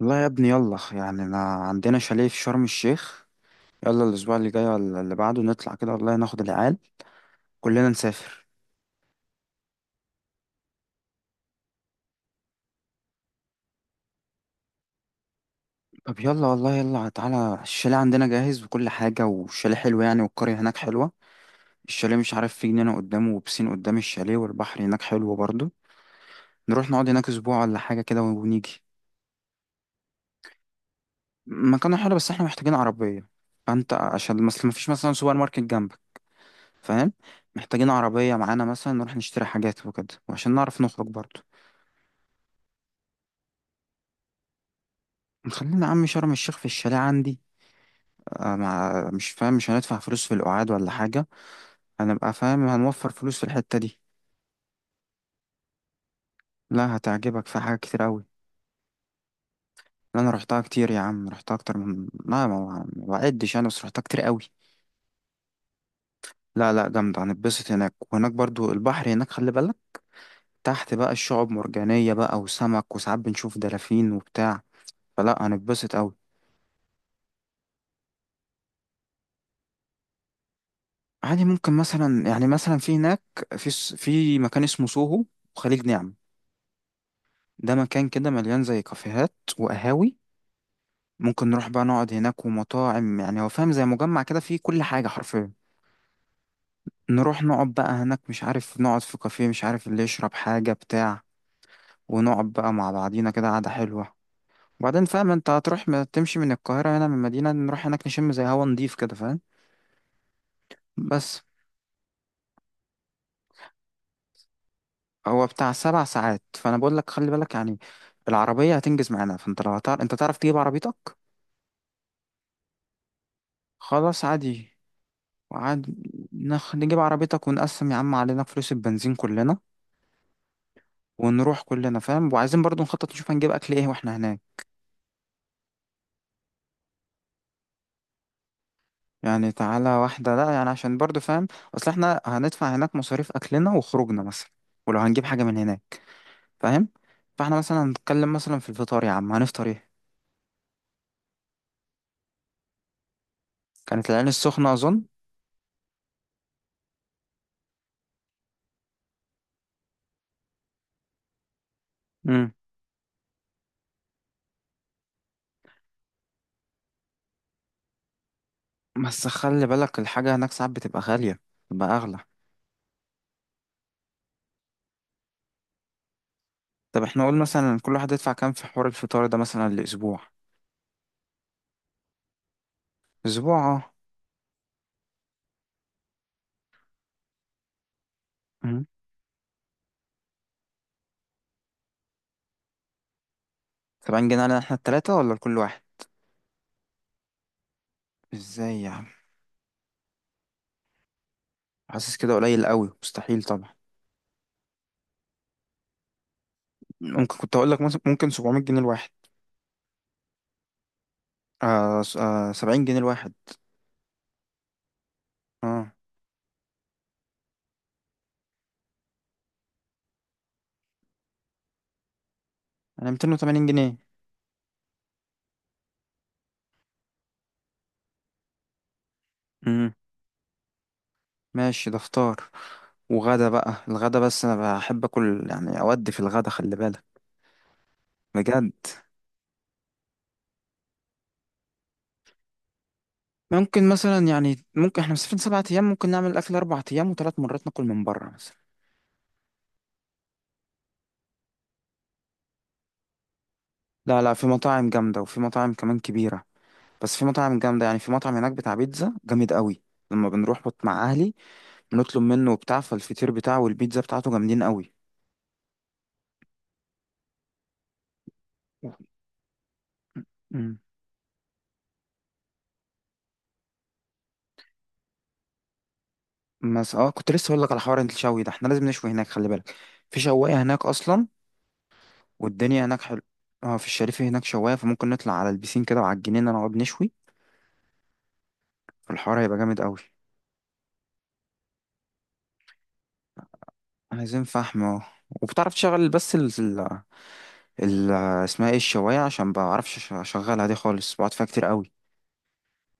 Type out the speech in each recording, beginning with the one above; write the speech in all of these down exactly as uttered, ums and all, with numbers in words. لا يا ابني، يلا يعني انا عندنا شاليه في شرم الشيخ. يلا الاسبوع اللي جاي ولا اللي بعده نطلع كده والله، ناخد العيال كلنا نسافر. طب يلا والله، يلا تعالى الشاليه عندنا جاهز وكل حاجة، والشاليه حلو يعني، والقرية هناك حلوة. الشاليه مش عارف، في جنينة قدامه وبسين قدام الشاليه، والبحر هناك حلو برضه. نروح نقعد هناك اسبوع ولا حاجة كده ونيجي. مكانه حلو بس احنا محتاجين عربية، فانت عشان مثلا مفيش مثلا سوبر ماركت جنبك. فاهم؟ محتاجين عربية معانا مثلا نروح نشتري حاجات وكده، وعشان نعرف نخرج برضه. خلينا يا عم شرم الشيخ في الشاليه عندي. آه، مع مش فاهم، مش هندفع فلوس في القعاد ولا حاجة. هنبقى فاهم، هنوفر فلوس في الحتة دي. لا هتعجبك، في حاجات كتير أوي. لا أنا روحتها كتير يا عم، روحتها أكتر من لا ما ما بعدش، أنا بس روحتها كتير أوي. لا لا جامدة، هنتبسط هناك، وهناك برضو البحر هناك خلي بالك. تحت بقى الشعب مرجانية بقى وسمك، وساعات بنشوف دلافين وبتاع. فلا هنتبسط أوي. عادي ممكن مثلا يعني مثلا في هناك في س- في مكان اسمه سوهو وخليج نعمة. ده مكان كده مليان زي كافيهات وقهاوي، ممكن نروح بقى نقعد هناك ومطاعم، يعني هو فاهم زي مجمع كده فيه كل حاجة حرفيا. نروح نقعد بقى هناك، مش عارف نقعد في كافيه، مش عارف اللي يشرب حاجة بتاع، ونقعد بقى مع بعضينا كده قعدة حلوة. وبعدين فاهم انت، هتروح م- تمشي من القاهرة هنا، من المدينة نروح هناك نشم زي هوا نضيف كده، فاهم؟ بس هو بتاع سبع ساعات، فأنا بقول لك خلي بالك يعني. العربية هتنجز معانا، فانت لو هتعرف انت تعرف تجيب عربيتك. خلاص عادي. وعادي، نخ... نجيب عربيتك ونقسم يا عم علينا فلوس البنزين كلنا، ونروح كلنا. فاهم؟ وعايزين برضو نخطط نشوف هنجيب اكل ايه واحنا هناك. يعني تعالى واحدة لا، يعني عشان برضو فاهم، اصل احنا هندفع هناك مصاريف اكلنا وخروجنا مثلا، ولو هنجيب حاجة من هناك. فاهم؟ فاحنا مثلا هنتكلم مثلا في الفطار، يا عم هنفطر ايه؟ كانت العين السخنة اظن. امم بس خلي بالك الحاجة هناك ساعات بتبقى غالية، بتبقى اغلى. طب احنا قول مثلا كل واحد يدفع كام في حوار الفطار ده مثلا الاسبوع. اسبوع. اه، سبعين جنيه علينا احنا التلاتة ولا لكل واحد؟ ازاي يا عم، حاسس كده قليل قوي مستحيل طبعا. ممكن كنت اقول لك مثلا ممكن سبعمية جنيه الواحد. آه, س- آه سبعين جنيه الواحد. اه، انا ميتين وتمانين جنيه. امم ماشي، ده فطار. وغدا بقى الغدا، بس انا بحب اكل يعني اودي في الغدا خلي بالك. بجد. ممكن مثلا يعني ممكن احنا مسافرين سبعة ايام، ممكن نعمل الاكل اربع ايام وثلاث مرات ناكل من بره مثلا. لا لا، في مطاعم جامدة وفي مطاعم كمان كبيرة، بس في مطاعم جامدة يعني. في مطعم هناك بتاع بيتزا جامد قوي، لما بنروح بط- مع أهلي بنطلب منه وبتاع، فالفطير بتاعه والبيتزا بتاعته جامدين قوي. مم. بس اه كنت لسه اقول لك على حوار الشوي ده، احنا لازم نشوي هناك خلي بالك. في شوايه هناك اصلا، والدنيا هناك حلو. اه في الشريف هناك شوايه، فممكن نطلع على البيسين كده وعلى الجنينه نقعد نشوي. فالحوار هيبقى جامد قوي. عايزين فحم اه. وبتعرف تشغل بس ال ال ال- اسمها ايه الشوايه؟ عشان بعرفش أش- اشغلها دي خالص، بقعد فيها كتير قوي.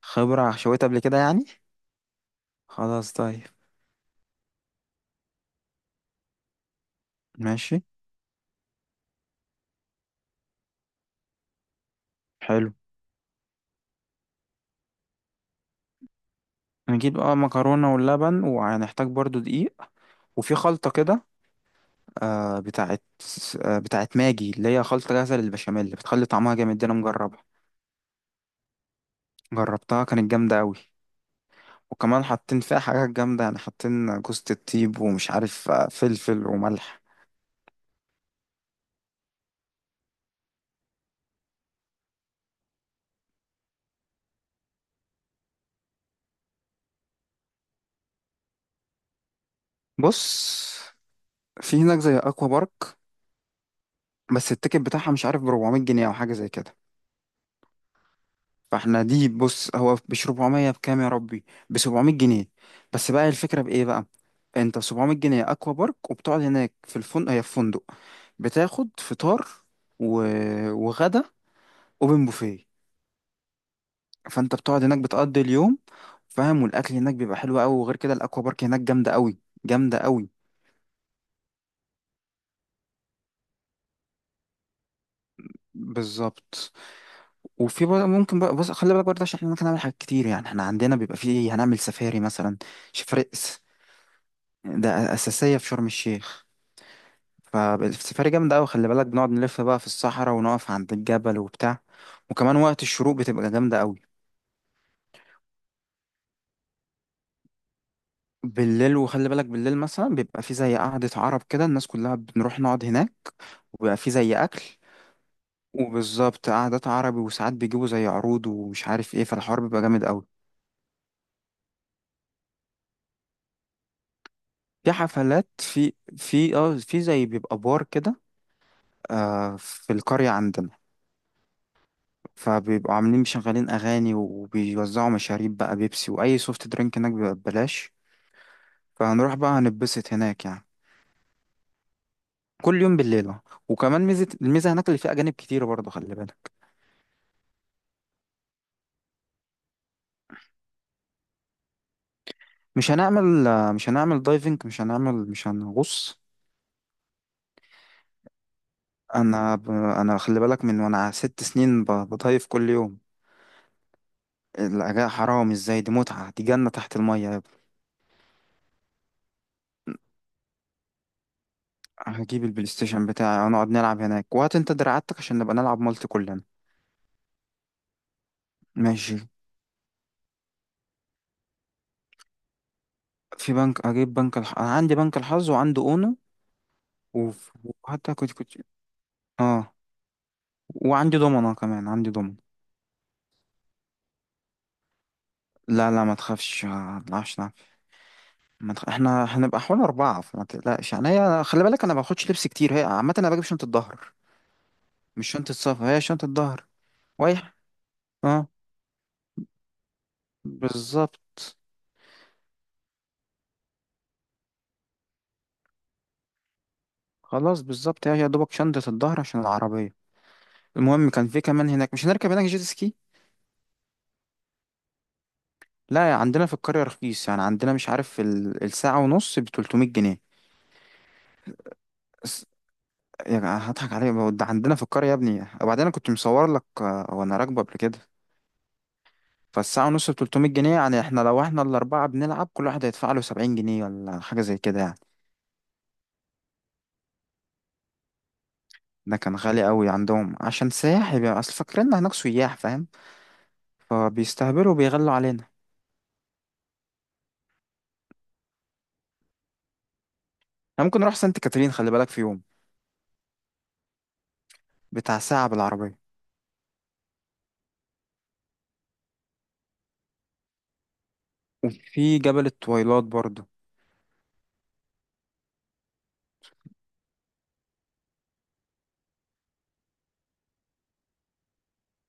خبره شويت قبل كده يعني. خلاص طيب. ماشي. حلو. نجيب بقى مكرونة واللبن، وهنحتاج برضو دقيق. وفي خلطة كده، آه بتاعت آه بتاعت ماجي، اللي هي خلطة جاهزة للبشاميل بتخلي طعمها جامد، دي أنا مجربها. جربتها كانت جامدة أوي. وكمان حاطين فيها حاجات جامدة يعني، حاطين جوزة الطيب، ومش عارف آه، فلفل وملح. بص، في هناك زي أكوا بارك، بس التيكت بتاعها مش عارف ب اربعمية جنيه أو حاجة زي كده. فاحنا دي بص، هو ب سبعمية بكام يا ربي، ب سبعمية جنيه. بس بقى الفكره بايه بقى، انت ب سبعمية جنيه اكوا بارك، وبتقعد هناك في الفندق، هي في فندق، بتاخد فطار و... وغدا اوبن بوفيه. فانت بتقعد هناك بتقضي اليوم. فاهم؟ والاكل هناك بيبقى حلو قوي، وغير كده الاكوا بارك هناك جامده قوي، جامده قوي. بالظبط. وفي بقى ممكن بقى، بص خلي بالك برضه، عشان احنا ممكن نعمل حاجات كتير يعني. احنا عندنا بيبقى فيه هنعمل سفاري مثلا. شفرق، ده اساسيه في شرم الشيخ. فالسفاري جامدة أوي خلي بالك، بنقعد نلف بقى في الصحراء، ونقف عند الجبل وبتاع، وكمان وقت الشروق بتبقى جامدة أوي. بالليل، وخلي بالك بالليل مثلا بيبقى في زي قعدة عرب كده، الناس كلها بنروح نقعد هناك، وبيبقى في زي أكل. وبالظبط قعدات عربي، وساعات بيجيبوا زي عروض ومش عارف ايه، فالحوار بيبقى جامد أوي. في حفلات، في في اه في زي بيبقى بار كده. آه في القرية عندنا. فبيبقوا عاملين مشغلين أغاني، وبيوزعوا مشاريب بقى، بيبسي وأي سوفت درينك هناك بيبقى ببلاش. فهنروح بقى هنتبسط هناك يعني. كل يوم بالليل أهو. وكمان ميزة، الميزة هناك اللي فيها أجانب كتير برضه خلي بالك. مش هنعمل مش هنعمل دايفنج، مش هنعمل مش هنغوص. أنا ب... أنا خلي بالك من وأنا ست سنين ب... بدايف كل يوم. الأجواء حرام، إزاي دي متعة، دي جنة تحت المية يا ابني. هجيب البلاي ستيشن بتاعي ونقعد نلعب هناك، وهات أنت دراعاتك عشان نبقى نلعب مالتي كلنا. ماشي. في بنك، أجيب بنك الح... أنا عندي بنك الحظ وعندي أونو. وف- وحتى كنت كنت آه، وعندي دومنة، كمان عندي دومنة. لا لا، ما تخافش، ما نطلعش. نعم. ما تخ... احنا هنبقى حوالي أربعة، فما تقلقش يعني. هي خلي بالك، أنا ما باخدش لبس كتير، هي عامة أنا بجيب شنطة ظهر، مش شنطة سفر، هي شنطة ظهر. ويح. اه، بالظبط. خلاص بالظبط، هي يا دوبك شنطة الظهر عشان العربية. المهم كان في كمان هناك مش هنركب هناك جيت سكي. لا، يا عندنا في القرية رخيص يعني، عندنا مش عارف ال- الساعة ونص ب تلتمية جنيه. بس- يا جماعة هضحك عليك، ده عندنا في القرية يا ابني، وبعدين أنا كنت مصور لك آه، وأنا راكبة قبل كده. فالساعة ونص ب تلتمية جنيه يعني، احنا لو احنا الأربعة بنلعب، كل واحد هيدفع له سبعين جنيه ولا حاجة زي كده يعني. ده كان غالي قوي عندهم عشان سياح، يبقى أصل فاكريننا هناك سياح فاهم، فبيستهبلوا وبيغلوا علينا. احنا ممكن نروح سانت كاترين خلي بالك في يوم، بتاع ساعة بالعربية. وفي جبل التويلات برضه.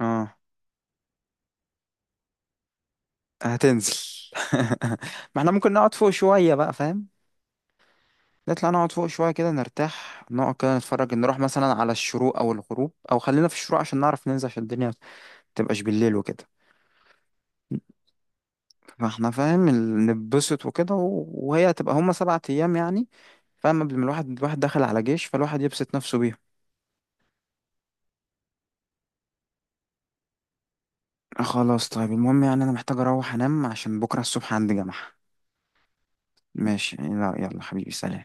اه، هتنزل. ما احنا ممكن نقعد فوق شوية بقى، فاهم؟ نطلع نقعد فوق شوية كده نرتاح، نقعد كده نتفرج، نروح مثلا على الشروق أو الغروب، أو خلينا في الشروق عشان نعرف ننزل، عشان الدنيا متبقاش بالليل وكده. فاحنا فاهم ال- نتبسط وكده و- وهي هتبقى هما سبعة أيام يعني، فاهم؟ قبل ما الواحد الواحد داخل على جيش، فالواحد يبسط نفسه بيها. آه خلاص طيب، المهم يعني أنا محتاج أروح أنام عشان بكرة الصبح عندي جامعة. ماشي. لا يلا حبيبي، سلام.